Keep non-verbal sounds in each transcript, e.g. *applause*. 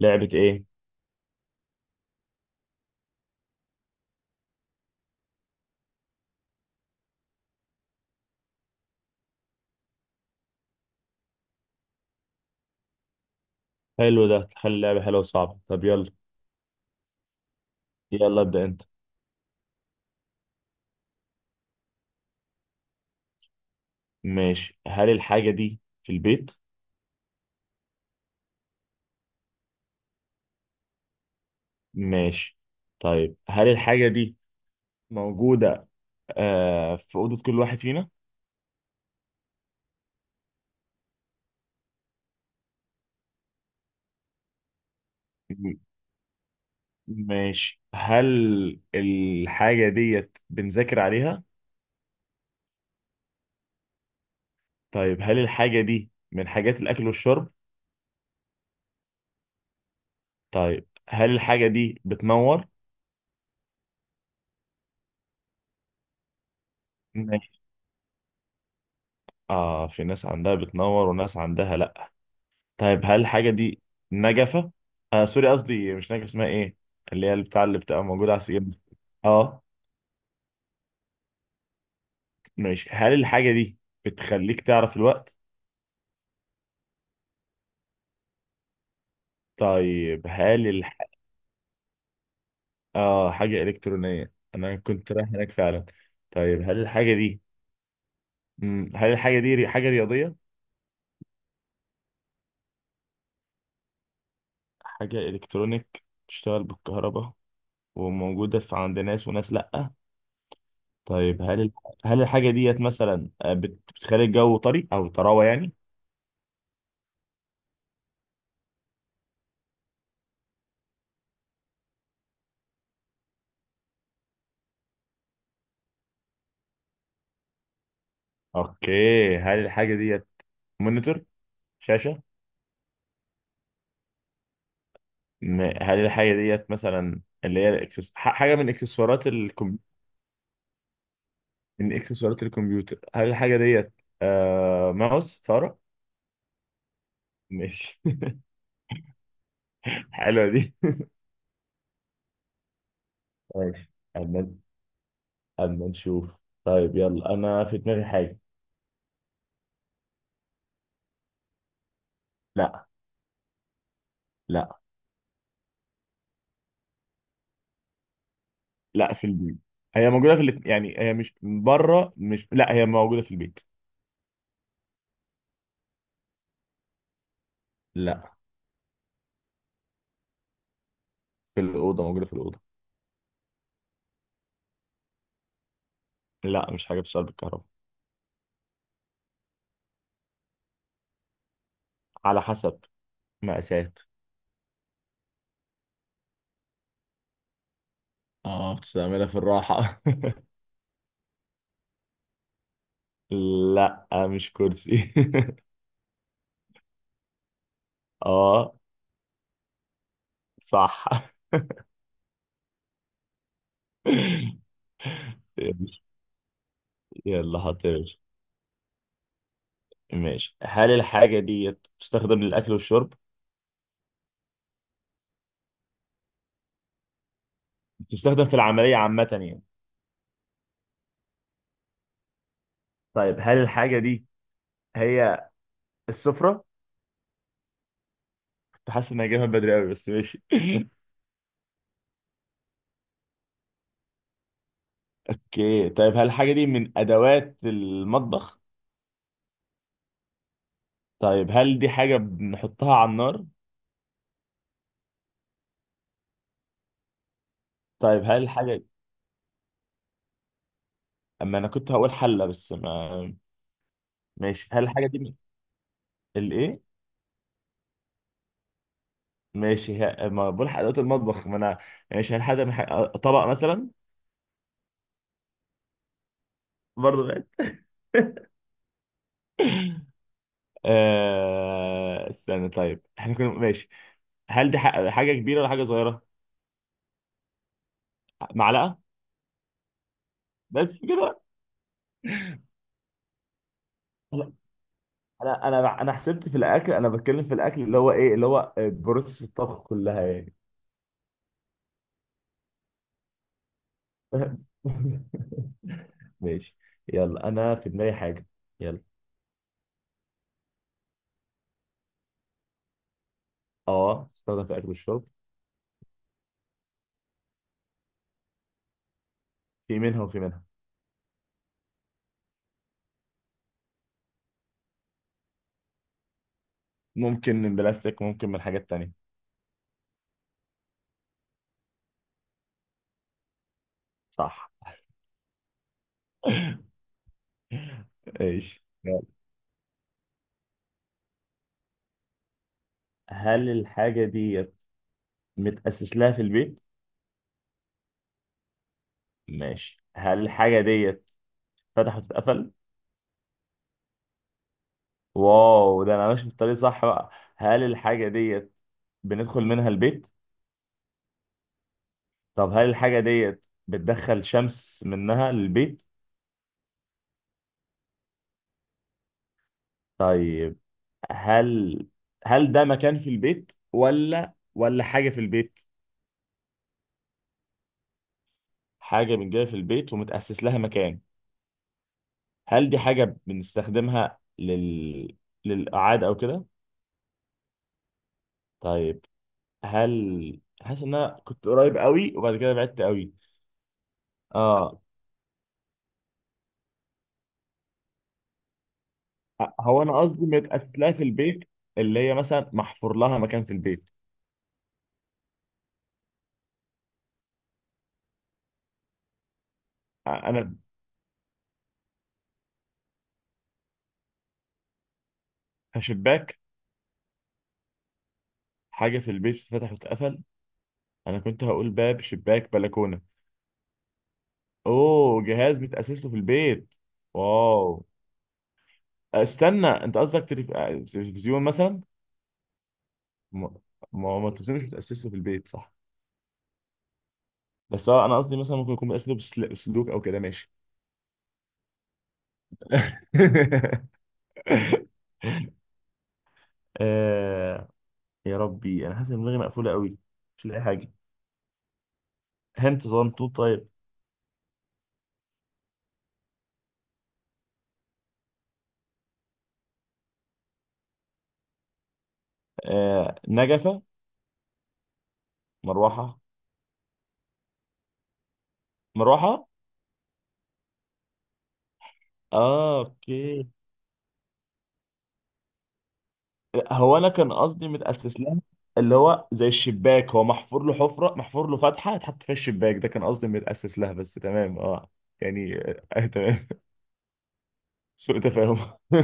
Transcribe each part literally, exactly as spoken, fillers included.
لعبة ايه؟ حلو، ده تخلي اللعبة حلوة وصعبة. طب يلا، يلا ابدأ انت. ماشي، هل الحاجة دي في البيت؟ ماشي. طيب هل الحاجة دي موجودة آه في أوضة كل واحد فينا؟ م- ماشي. هل الحاجة ديت بنذاكر عليها؟ طيب هل الحاجة دي من حاجات الأكل والشرب؟ طيب هل الحاجة دي بتنور؟ ماشي. اه، في ناس عندها بتنور وناس عندها لا. طيب هل الحاجة دي نجفة؟ آه سوري، قصدي مش نجفة. اسمها ايه؟ اللي هي بتاع اللي بتبقى موجودة على السجاد. اه. ماشي. هل الحاجة دي بتخليك تعرف الوقت؟ طيب هل الح... اه، حاجة إلكترونية. أنا كنت رايح هناك فعلا. طيب هل الحاجة دي، مم، هل الحاجة دي ري- حاجة رياضية؟ حاجة إلكترونيك بتشتغل بالكهرباء وموجودة في عند ناس وناس لأ. طيب هل الح... هل الحاجة ديت مثلا آه، بت- بتخلي الجو طري أو طراوة يعني؟ اوكي. هل الحاجه ديت مونيتور، شاشه؟ م- هل الحاجه ديت مثلا اللي هي الإكسس... ح- حاجه من اكسسوارات الكم... من اكسسوارات الكمبيوتر. هل الحاجه ديت آه... ماوس، فاره؟ ماشي. *laughs* حلوه دي. ماشي. اما اما نشوف. طيب يلا، انا في دماغي حاجه. لا. لا. لا، في البيت. هي موجوده في الات... يعني هي مش بره، مش لا، هي موجوده في البيت. لا، في الاوضه، موجوده في الاوضه. لا مش حاجه بتشتغل بالكهرباء. على حسب مقاسات. اه بتستعملها في الراحة. *laughs* لا مش كرسي. *laughs* اه. صح. *laughs* يلا حط يا باشا. ماشي، هل الحاجة دي بتستخدم للأكل والشرب؟ بتستخدم في العملية عامة يعني. طيب هل الحاجة دي هي السفرة؟ كنت حاسس إنها جايبها بدري أوي بس ماشي. *laughs* اوكي. طيب هل الحاجة دي من أدوات المطبخ؟ طيب هل دي حاجة بنحطها على النار؟ طيب هل الحاجة. أما أنا كنت هقول حلة بس ما. ماشي هل الحاجة دي الايه؟ ماشي. ها- ما بلحق ادوات المطبخ ما انا. ماشي، هل من حاجة- طبق مثلا؟ برضه غالي. *laughs* آه... استنى، طيب احنا كنا ماشي. هل دي ح- حاجه كبيره ولا حاجه صغيره؟ معلقه. بس كده. انا انا انا أنا حسبت في الاكل، انا بتكلم في الاكل اللي هو ايه، اللي هو بروسس الطبخ كلها يعني. *laughs* ماشي. يلا انا في دماغي حاجه. يلا. اه، تستخدم في الاكل والشرب. في منها وفي منها. ممكن من بلاستيك، ممكن من حاجات تانية. صح. *laughs* ايش يلا. هل الحاجة دي متأسس لها في البيت؟ ماشي، هل الحاجة دي فتح وتتقفل؟ واو، ده أنا ماشي في الطريق صح بقى. هل الحاجة دي بندخل منها البيت؟ طب هل الحاجة دي بتدخل شمس منها للبيت؟ طيب هل، هل ده مكان في البيت ولا ولا حاجة في البيت؟ حاجة بنجيبها في البيت ومتأسس لها مكان. هل دي حاجة بنستخدمها لل للإعادة أو كده؟ طيب هل حاسس ان انا كنت قريب قوي وبعد كده بعدت قوي. اه. هو انا قصدي متاسس لها في البيت، اللي هي مثلا محفور لها مكان في البيت. انا كشباك، حاجه في البيت اتفتح واتقفل. انا كنت هقول باب، شباك، بلكونه. اوه، جهاز متاسس له في البيت. واو. استنى، انت قصدك تلف- آه، تلفزيون مثلا. ما ما هو التلفزيون مش متاسس له في البيت صح. بس هو انا قصدي مثلا ممكن يكون متاسس له بالسل- بالسلوك او كده ماشي. *laughs* آه. يا ربي، انا حاسس ان دماغي مقفوله قوي، مش لاقي حاجه. هنت صغنطوط طيب. آه نجفه، مروحه. مروحه. اه اوكي. لا، هو انا كان قصدي متاسس لها، اللي هو زي الشباك هو محفور له حفره، محفور له فتحه اتحط فيها الشباك. ده كان قصدي متاسس لها بس تمام اه. يعني آه تمام. *laughs* سوء تفاهم. *laughs*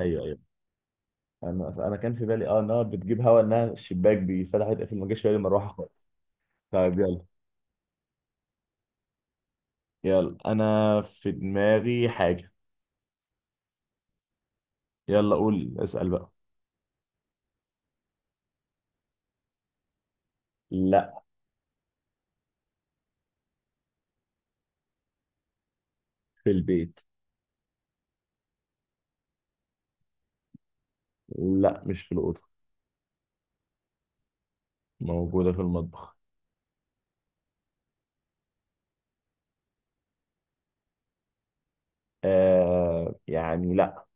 ايوه ايوه. انا انا كان في بالي اه انها بتجيب هوا، انها الشباك بيفتح يتقفل. ما جاش في بالي مروحه خالص. طيب يلا. يلا انا في دماغي حاجة. يلا قول، اسأل بقى. لا. في البيت. لا مش في الأوضة. موجودة في المطبخ. آه يعني لا.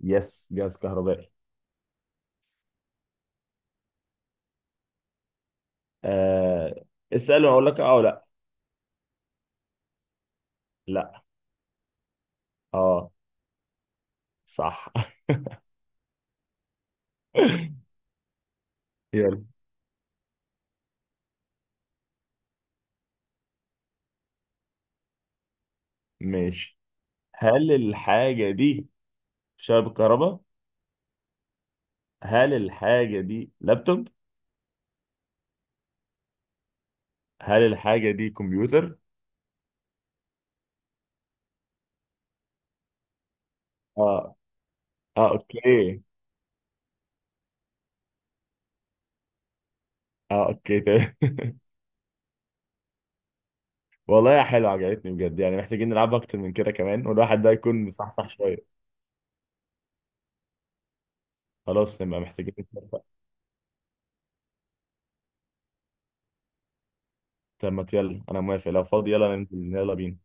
يس، جهاز كهربائي. آه، اسأل واقول لك اه ولا لا. لا. اه. صح. *laughs* يلا. ماشي، هل الحاجة دي شبكة كهرباء؟ هل الحاجة دي لابتوب؟ هل الحاجة دي كمبيوتر؟ اه. اه اوكي. اه اوكي. *laughs* والله يا حلو عجبتني بجد، يعني محتاجين نلعب اكتر من كده كمان والواحد ده يكون مصحصح شويه. خلاص نبقى محتاجين نتفق. طب ما يلا انا موافق، لو فاضي يلا ننزل يلا بينا.